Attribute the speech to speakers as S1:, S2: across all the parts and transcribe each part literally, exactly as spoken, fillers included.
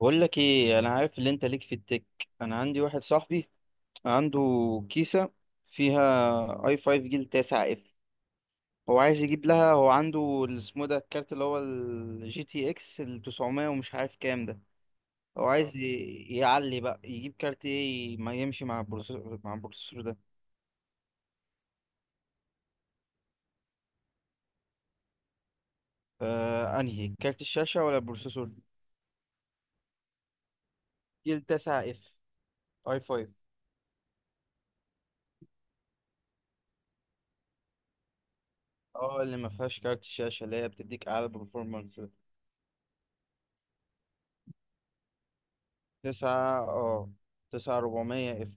S1: بقول لك ايه، انا عارف اللي انت ليك في التك. انا عندي واحد صاحبي عنده كيسه فيها اي خمسة جيل تسعة اف. هو عايز يجيب لها. هو عنده ال- اسمه ده الكارت، اللي هو الجي تي اكس ال تسعمية ومش عارف كام ده. هو عايز اه ي- يعلي بقى، يجيب كارت ايه ما يمشي مع البروسيسور مع البروسيسور ده. آه انهي كارت الشاشه ولا البروسيسور؟ جيل تسع اف، اي خمسة. اه، اللي ما فيهاش كارت الشاشه، اللي هي بتديك اعلى برفورمانس. تسعة اه تسعة اربعمية اف.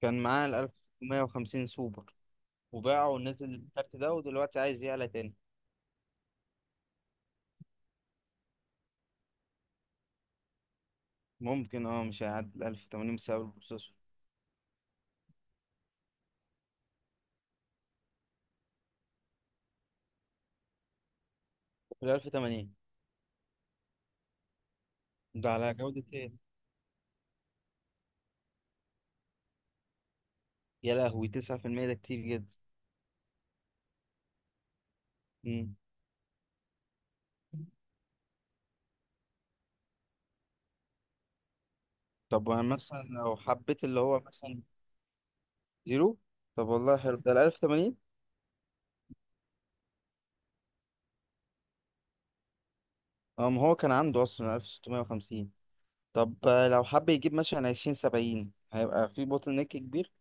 S1: كان معاه ال ألف وستمية وخمسين سوبر، وباعه ونزل الكارت ده، ودلوقتي عايز يعلى تاني. ممكن، اه مش هيعدي ال ألف وتمانين بسبب البروسيسور. ال عشرة تمانين ده على جودة ايه؟ يا لهوي، تسعة في المية، ده كتير جدا. مم. طب وأنا مثلا لو حبيت اللي هو مثلا. زيرو. طب والله حلو ده ال ألف وتمانين. اه، ما هو كان عنده اصلا ألف وستمية وخمسين. طب، آه، لو حب يجيب مثلا عشرين سبعين هيبقى في بوتل نيك كبير.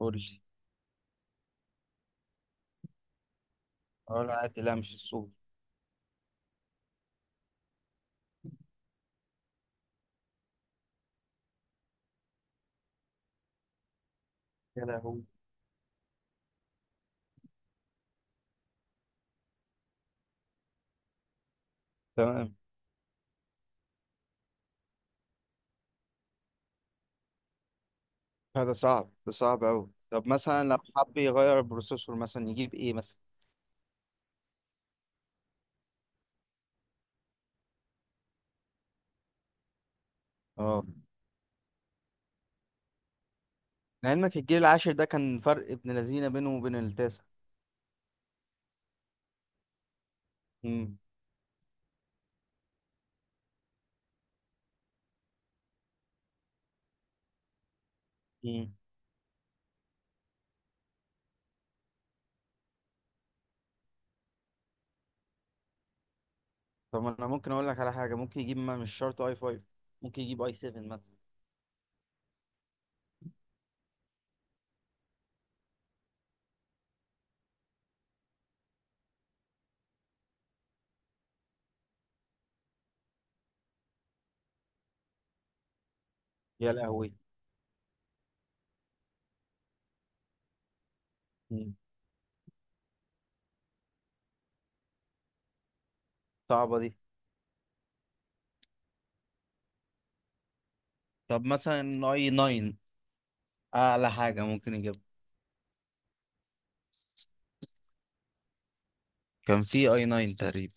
S1: قول لي. اه، لا عادي، لا مش السوبر. يا لهوي. تمام. هذا صعب، ده صعب أوي. طب مثلا لو حب يغير البروسيسور، مثلا يجيب ايه مثلا؟ اه، لعلمك الجيل العاشر ده كان فرق ابن لذينه بينه وبين التاسع. امم. امم. طب، ما انا ممكن اقول لك على حاجه، ممكن يجيب، ما مش شرط اي خمسة، ممكن يجيب اي سبعة مثلا. يا لهوي. مم. صعبه دي. طب مثلا اي تسعة، اعلى حاجه ممكن يجيب. كان في اي تسعة تقريبا.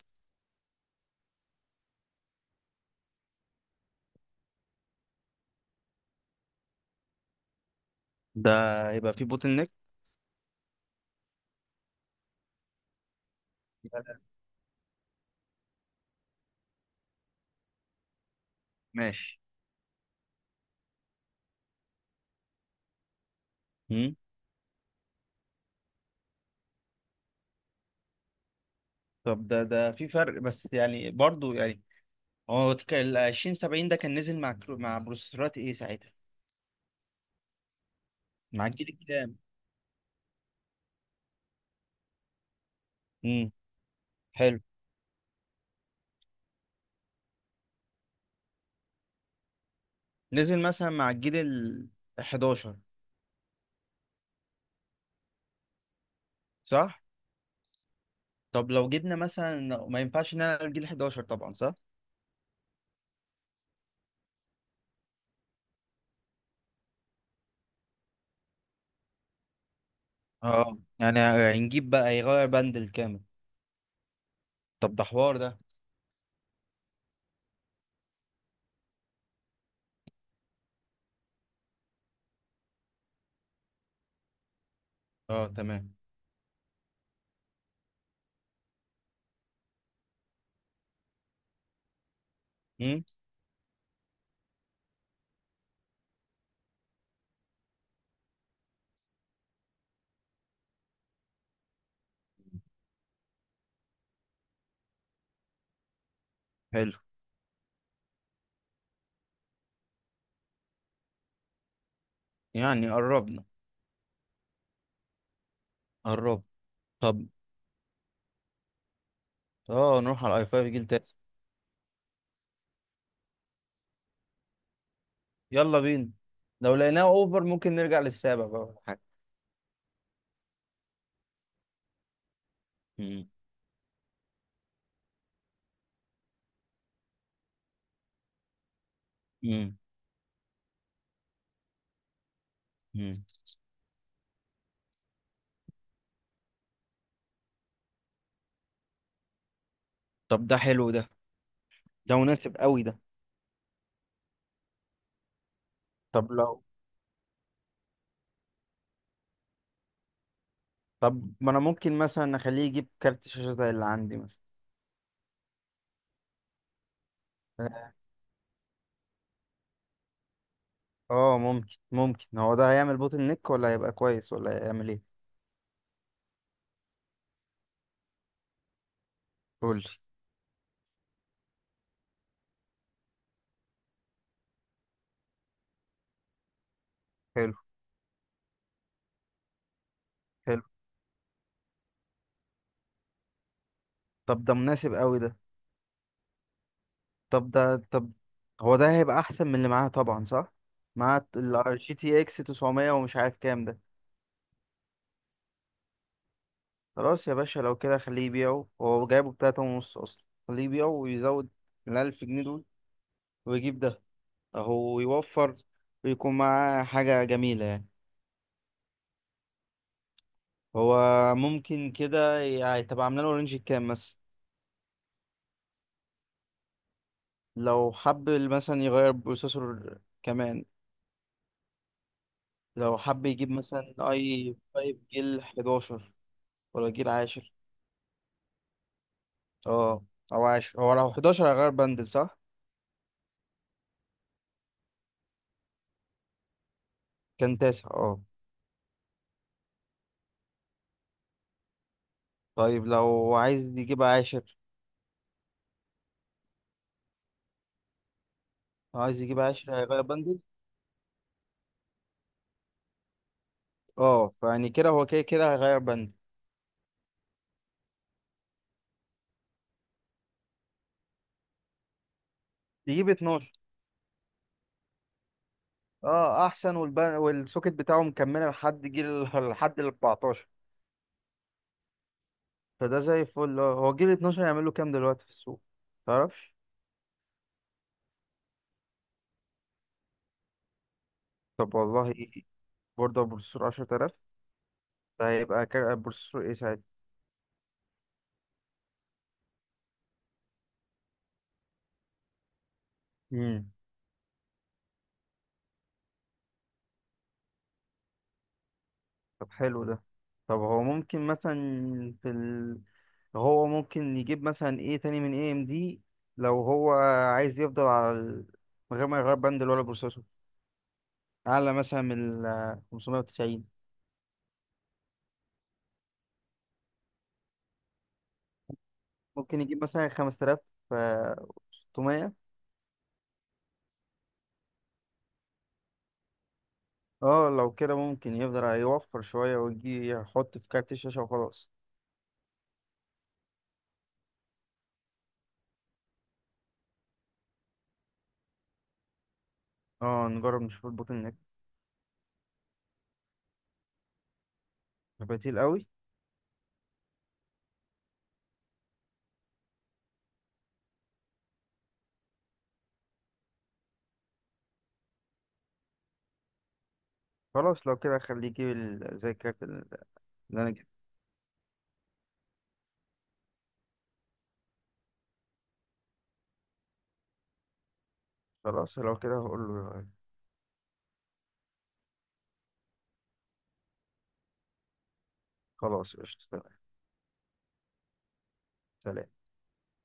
S1: ده هيبقى في بوتل نيك. ماشي. مم. طب ده ده في فرق، بس يعني، برضو يعني هو تك- ال عشرين سبعين ده كان نزل مع كرو... مع بروسيسورات ايه ساعتها؟ مع الجيل الكام؟ امم. حلو. نزل مثلا مع الجيل ال حداشر. صح. طب لو جبنا مثلا، ما ينفعش نلعب الجيل احد عشر طبعا، صح. اه يعني، هنجيب بقى يغير بند كامل. طب ده حوار ده. اه، تمام. امم. حلو يعني، قربنا. قرب. طب، اه نروح على الاي خمسة جيل تاسع. يلا بينا. لو لقيناه اوفر ممكن نرجع للسابع بقى ولا حاجه. امم. امم. طب ده حلو ده، ده مناسب قوي ده. طب لو طب، ما انا ممكن مثلا اخليه يجيب كارت شاشة زي اللي عندي مثلا. اه، ممكن، ممكن هو ده هيعمل بوتل نيك ولا هيبقى كويس ولا هيعمل ايه؟ قولي. حلو. حلو. طب ده مناسب قوي ده. طب ده طب، هو ده هيبقى احسن من اللي معاها طبعا، صح. مع ال جي تي اكس تسعمية ومش عارف كام ده. خلاص يا باشا، لو كده خليه يبيعه. هو جايبه بتلاتة ونص اصلا. خليه يبيعه ويزود الألف جنيه دول، ويجيب ده. اهو يوفر ويكون معاه حاجة جميلة يعني. هو ممكن كده يعني تبقى عاملة له رينج كام مثلا؟ لو حب مثلا يغير بروسيسور كمان، لو حب يجيب مثلا اي خمسة جيل حداشر ولا جيل عشرة. اه، او عشرة. هو لو حداشر هيغير بندل، صح. كان تاسع، اه. طيب، لو عايز يجيب عشرة لو عايز يجيب عشرة هيغير بندل، اه. فيعني كده، هو كده كده هيغير بندل. يجيب اتناشر، اه احسن. والبن... والسوكت بتاعه مكمله لحد جيل لحد ال اربعتاشر. فده زي الفل، اه. هو جيل اتناشر يعمل له كام دلوقتي في السوق، تعرفش؟ طب والله، إيه؟ برضه بروسيسور عشرة الاف؟ ده هيبقى كا- بروسيسور ايه ساعتها؟ امم. طب حلو ده. طب هو ممكن مثلا في ال... هو ممكن يجيب مثلا ايه تاني من اي ام دي؟ لو هو عايز يفضل على ال... من غير ما يغير بند ولا بروسيسور، اعلى مثلا من ال خمسة تسعين. ممكن يجيب مثلا خمستالاف وستمية. اه لو كده ممكن، يقدر هيوفر شوية ويجي يحط في كارت الشاشة وخلاص. اه، نجرب نشوف البوتل نيك. بديل قوي. خلاص لو كده خليه يجيب ال- زي الكارت اللي انا جبته. خلاص لو كده هقول له. خلاص، قشطة، تمام. سلام.